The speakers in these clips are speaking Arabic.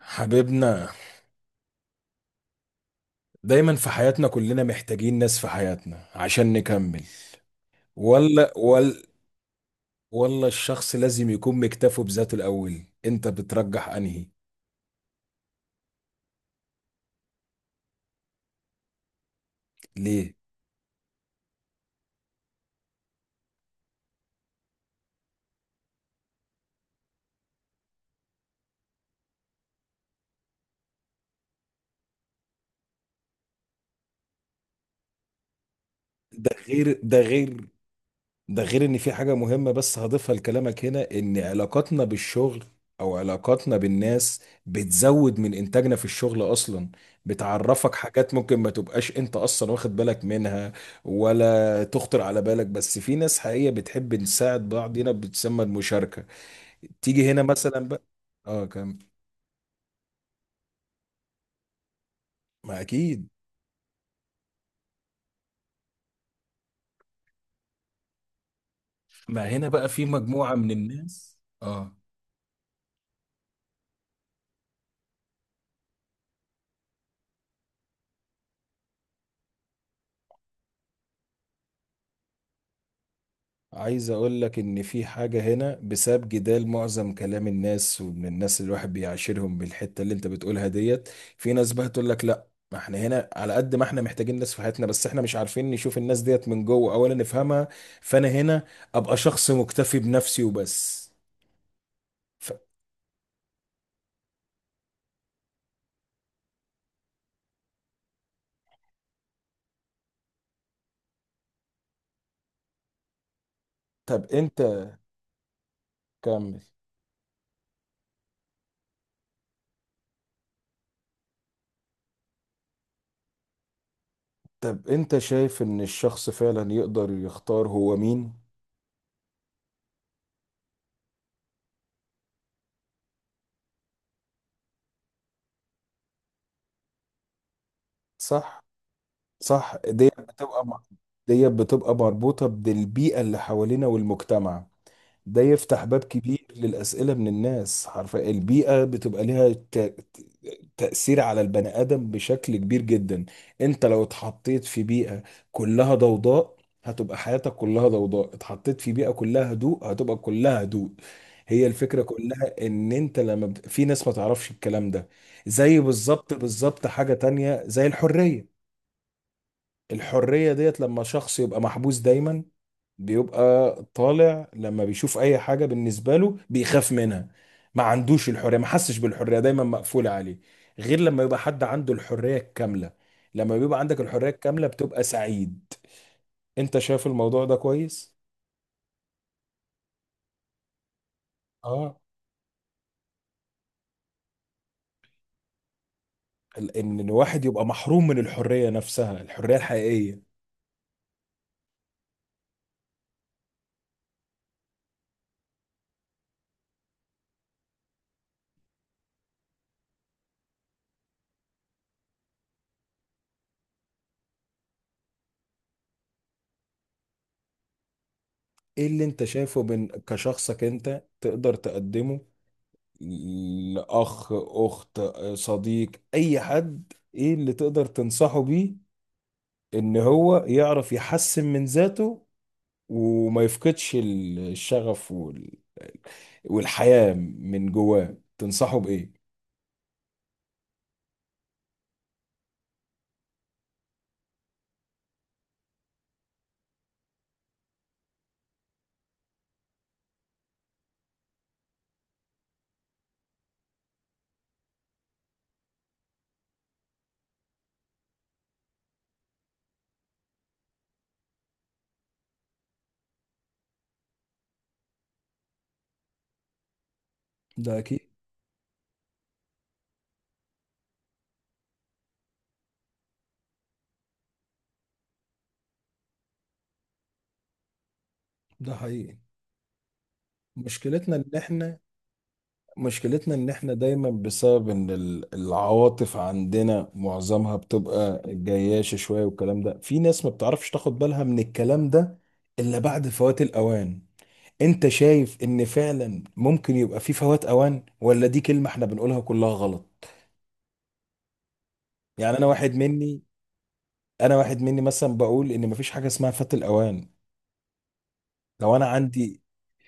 حبيبنا، دايما في حياتنا كلنا محتاجين ناس في حياتنا عشان نكمل. ولا ولا ولا الشخص لازم يكون مكتفه بذاته؟ الأول انت بترجح انهي، ليه؟ ده غير ده غير ده غير ان في حاجة مهمة بس هضيفها لكلامك هنا، ان علاقاتنا بالشغل او علاقاتنا بالناس بتزود من انتاجنا في الشغل اصلا، بتعرفك حاجات ممكن ما تبقاش انت اصلا واخد بالك منها ولا تخطر على بالك. بس في ناس حقيقية بتحب نساعد بعض، هنا بتسمى المشاركة. تيجي هنا مثلا بقى، اه كم. ما اكيد، ما هنا بقى في مجموعة من الناس، اه. عايز اقول لك ان في حاجة هنا بسبب جدال معظم كلام الناس ومن الناس اللي الواحد بيعاشرهم بالحتة اللي انت بتقولها ديت. في ناس بقى تقول لك لا، ما احنا هنا على قد ما احنا محتاجين ناس في حياتنا، بس احنا مش عارفين نشوف الناس ديت من جوه اولا نفهمها. فانا هنا ابقى شخص مكتفي بنفسي وبس. ف... طب انت، كمل. طب انت شايف ان الشخص فعلا يقدر يختار هو مين؟ صح، صح. ديت بتبقى مربوطة بالبيئة اللي حوالينا والمجتمع. ده يفتح باب كبير للأسئلة من الناس، حرفيا البيئة بتبقى ليها تأثير على البني آدم بشكل كبير جدا. انت لو اتحطيت في بيئة كلها ضوضاء، هتبقى حياتك كلها ضوضاء، اتحطيت في بيئة كلها هدوء هتبقى كلها هدوء. هي الفكرة كلها ان انت لما بت... في ناس ما تعرفش الكلام ده. زي بالظبط حاجة تانية زي الحرية. الحرية ديت لما شخص يبقى محبوس دايما، بيبقى طالع لما بيشوف اي حاجة بالنسبة له بيخاف منها، ما عندوش الحرية، ما حسش بالحرية، دايما مقفولة عليه. غير لما يبقى حد عنده الحرية الكاملة. لما بيبقى عندك الحرية الكاملة بتبقى سعيد. انت شايف الموضوع ده كويس؟ اه. ان الواحد يبقى محروم من الحرية نفسها، الحرية الحقيقية. ايه اللي انت شايفه من كشخصك انت تقدر تقدمه لأخ، أخت، صديق، أي حد؟ إيه اللي تقدر تنصحه بيه إن هو يعرف يحسن من ذاته، وما يفقدش الشغف والحياة من جواه؟ تنصحه بإيه؟ ده اكيد. ده حقيقي. مشكلتنا ان احنا مشكلتنا ان احنا دايما بسبب ان العواطف عندنا معظمها بتبقى جياشة شوية، والكلام ده في ناس ما بتعرفش تاخد بالها من الكلام ده الا بعد فوات الاوان. انت شايف ان فعلا ممكن يبقى في فوات اوان، ولا دي كلمة احنا بنقولها كلها غلط؟ يعني انا واحد مني مثلا بقول ان مفيش حاجة اسمها فات الاوان. لو انا عندي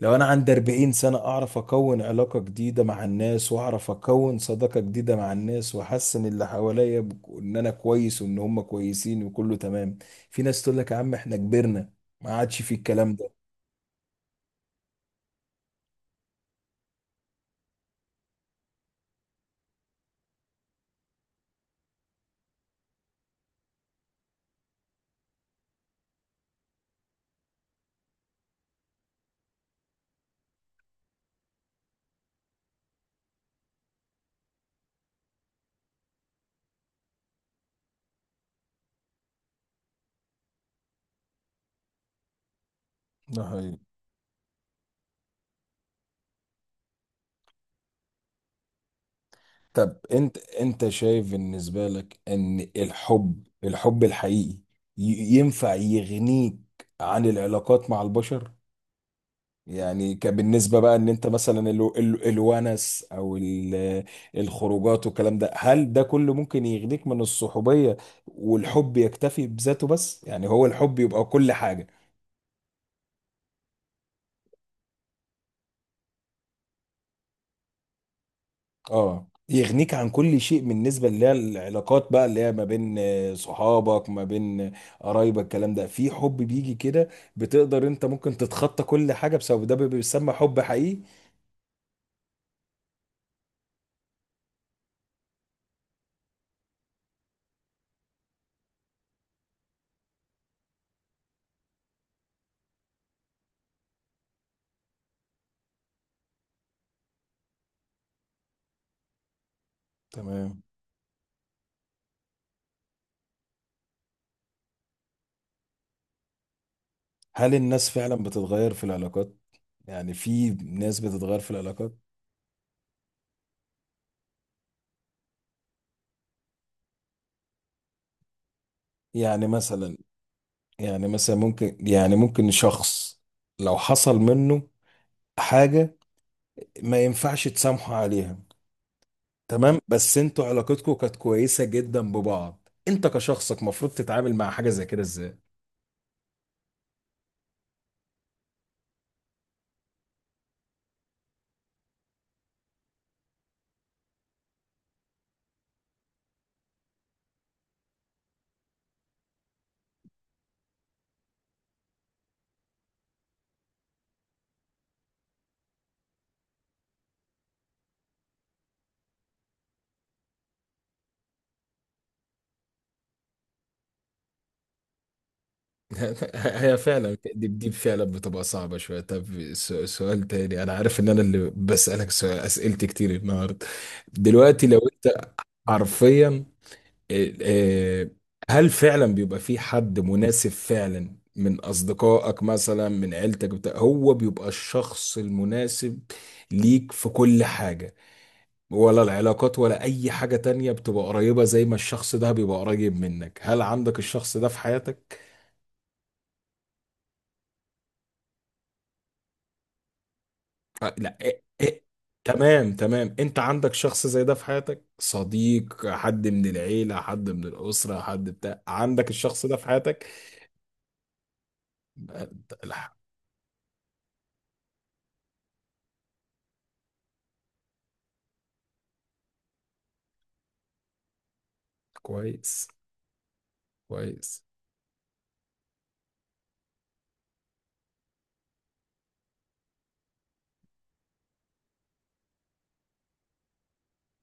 لو انا عندي 40 سنة اعرف اكون علاقة جديدة مع الناس، واعرف اكون صداقة جديدة مع الناس، واحسن اللي حواليا بك- ان انا كويس وان هم كويسين وكله تمام. في ناس تقول لك يا عم احنا كبرنا، ما عادش في الكلام ده. ده حقيقي. طب انت شايف بالنسبة لك ان الحب، الحب الحقيقي، ينفع يغنيك عن العلاقات مع البشر؟ يعني كبالنسبة بقى ان انت مثلا الونس او الخروجات والكلام ده، هل ده كله ممكن يغنيك من الصحوبية، والحب يكتفي بذاته؟ بس يعني هو الحب يبقى كل حاجة. اه يغنيك عن كل شيء، بالنسبه اللي هي العلاقات بقى اللي هي ما بين صحابك، ما بين قرايبك، الكلام ده. في حب بيجي كده بتقدر، انت ممكن تتخطى كل حاجه بسبب ده، بيسمى حب حقيقي. تمام. هل الناس فعلا بتتغير في العلاقات؟ يعني في ناس بتتغير في العلاقات؟ يعني مثلا، يعني مثلا ممكن، يعني ممكن شخص لو حصل منه حاجه ما ينفعش تسامحه عليها، تمام، بس انتوا علاقتكم كانت كويسه جدا ببعض، انت كشخصك مفروض تتعامل مع حاجه زي كده ازاي؟ هي فعلا دي فعلا بتبقى صعبة شوية. طب سؤال تاني، أنا عارف إن أنا اللي بسألك سؤال، أسئلتي كتير النهاردة. دلوقتي لو أنت حرفيا، آه، آه، هل فعلا بيبقى في حد مناسب فعلا من أصدقائك مثلا، من عيلتك بتاع، هو بيبقى الشخص المناسب ليك في كل حاجة، ولا العلاقات ولا أي حاجة تانية بتبقى قريبة زي ما الشخص ده بيبقى قريب منك؟ هل عندك الشخص ده في حياتك؟ آه، لا، إيه إيه. تمام تمام، أنت عندك شخص زي ده في حياتك؟ صديق، حد من العيلة، حد من الأسرة، حد بتاع، عندك الشخص ده في حياتك؟ آه، لا. كويس كويس.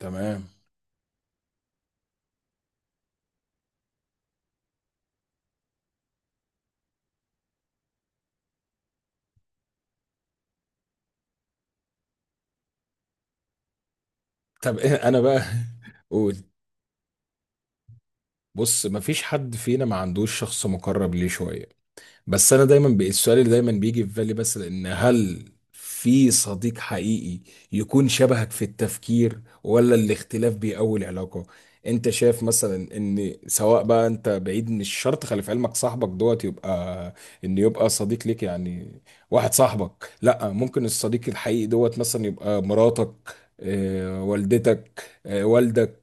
تمام. طب إيه أنا بقى؟ قول. بص، مفيش حد فينا ما عندوش شخص مقرب ليه شوية، بس انا دايما السؤال اللي دايما بيجي في بالي بس، ان هل في صديق حقيقي يكون شبهك في التفكير، ولا الاختلاف بيقوي العلاقة؟ انت شايف مثلا ان سواء بقى انت بعيد، مش شرط خلي في علمك صاحبك دوت يبقى ان يبقى صديق ليك يعني، واحد صاحبك، لا ممكن الصديق الحقيقي دوت مثلا يبقى مراتك، آه، والدتك، آه، والدك،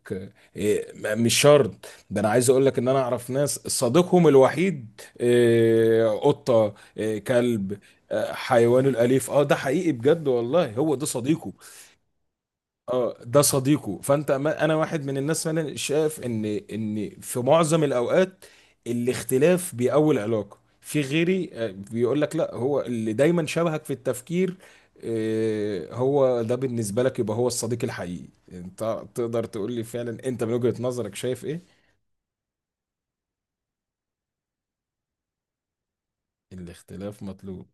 آه، مش شرط ده. انا عايز اقول لك ان انا اعرف ناس صديقهم الوحيد إيه، قطة، إيه، كلب. آه، حيوانه الأليف، اه ده حقيقي بجد والله، هو ده صديقه. اه ده صديقه. فانت، ما انا واحد من الناس فعلا شايف ان ان في معظم الاوقات الاختلاف بيقوي العلاقة. في غيري آه، بيقول لك لا، هو اللي دايما شبهك في التفكير آه، هو ده بالنسبة لك يبقى هو الصديق الحقيقي. انت تقدر تقول لي فعلا انت من وجهة نظرك شايف ايه؟ الاختلاف مطلوب.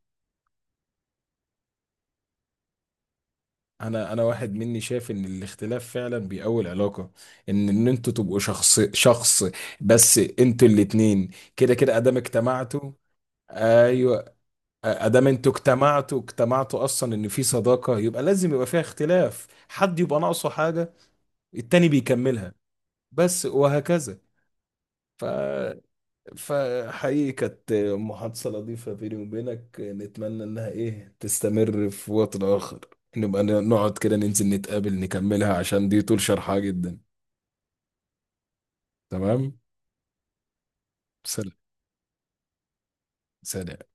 انا واحد مني شايف ان الاختلاف فعلا بيقوي العلاقه. ان ان انتوا تبقوا شخص، بس انتوا الاتنين كده كده ادام اجتمعتوا. ايوه، ادام انتوا اجتمعتوا اصلا، ان في صداقه يبقى لازم يبقى فيها اختلاف، حد يبقى ناقصه حاجه التاني بيكملها، بس وهكذا. ف، فحقيقي كانت محادثة لطيفة بيني وبينك، نتمنى إنها إيه تستمر في وقت آخر، نبقى نقعد كده، ننزل نتقابل نكملها، عشان دي طول شرحها جدا. تمام. سلام. سلام.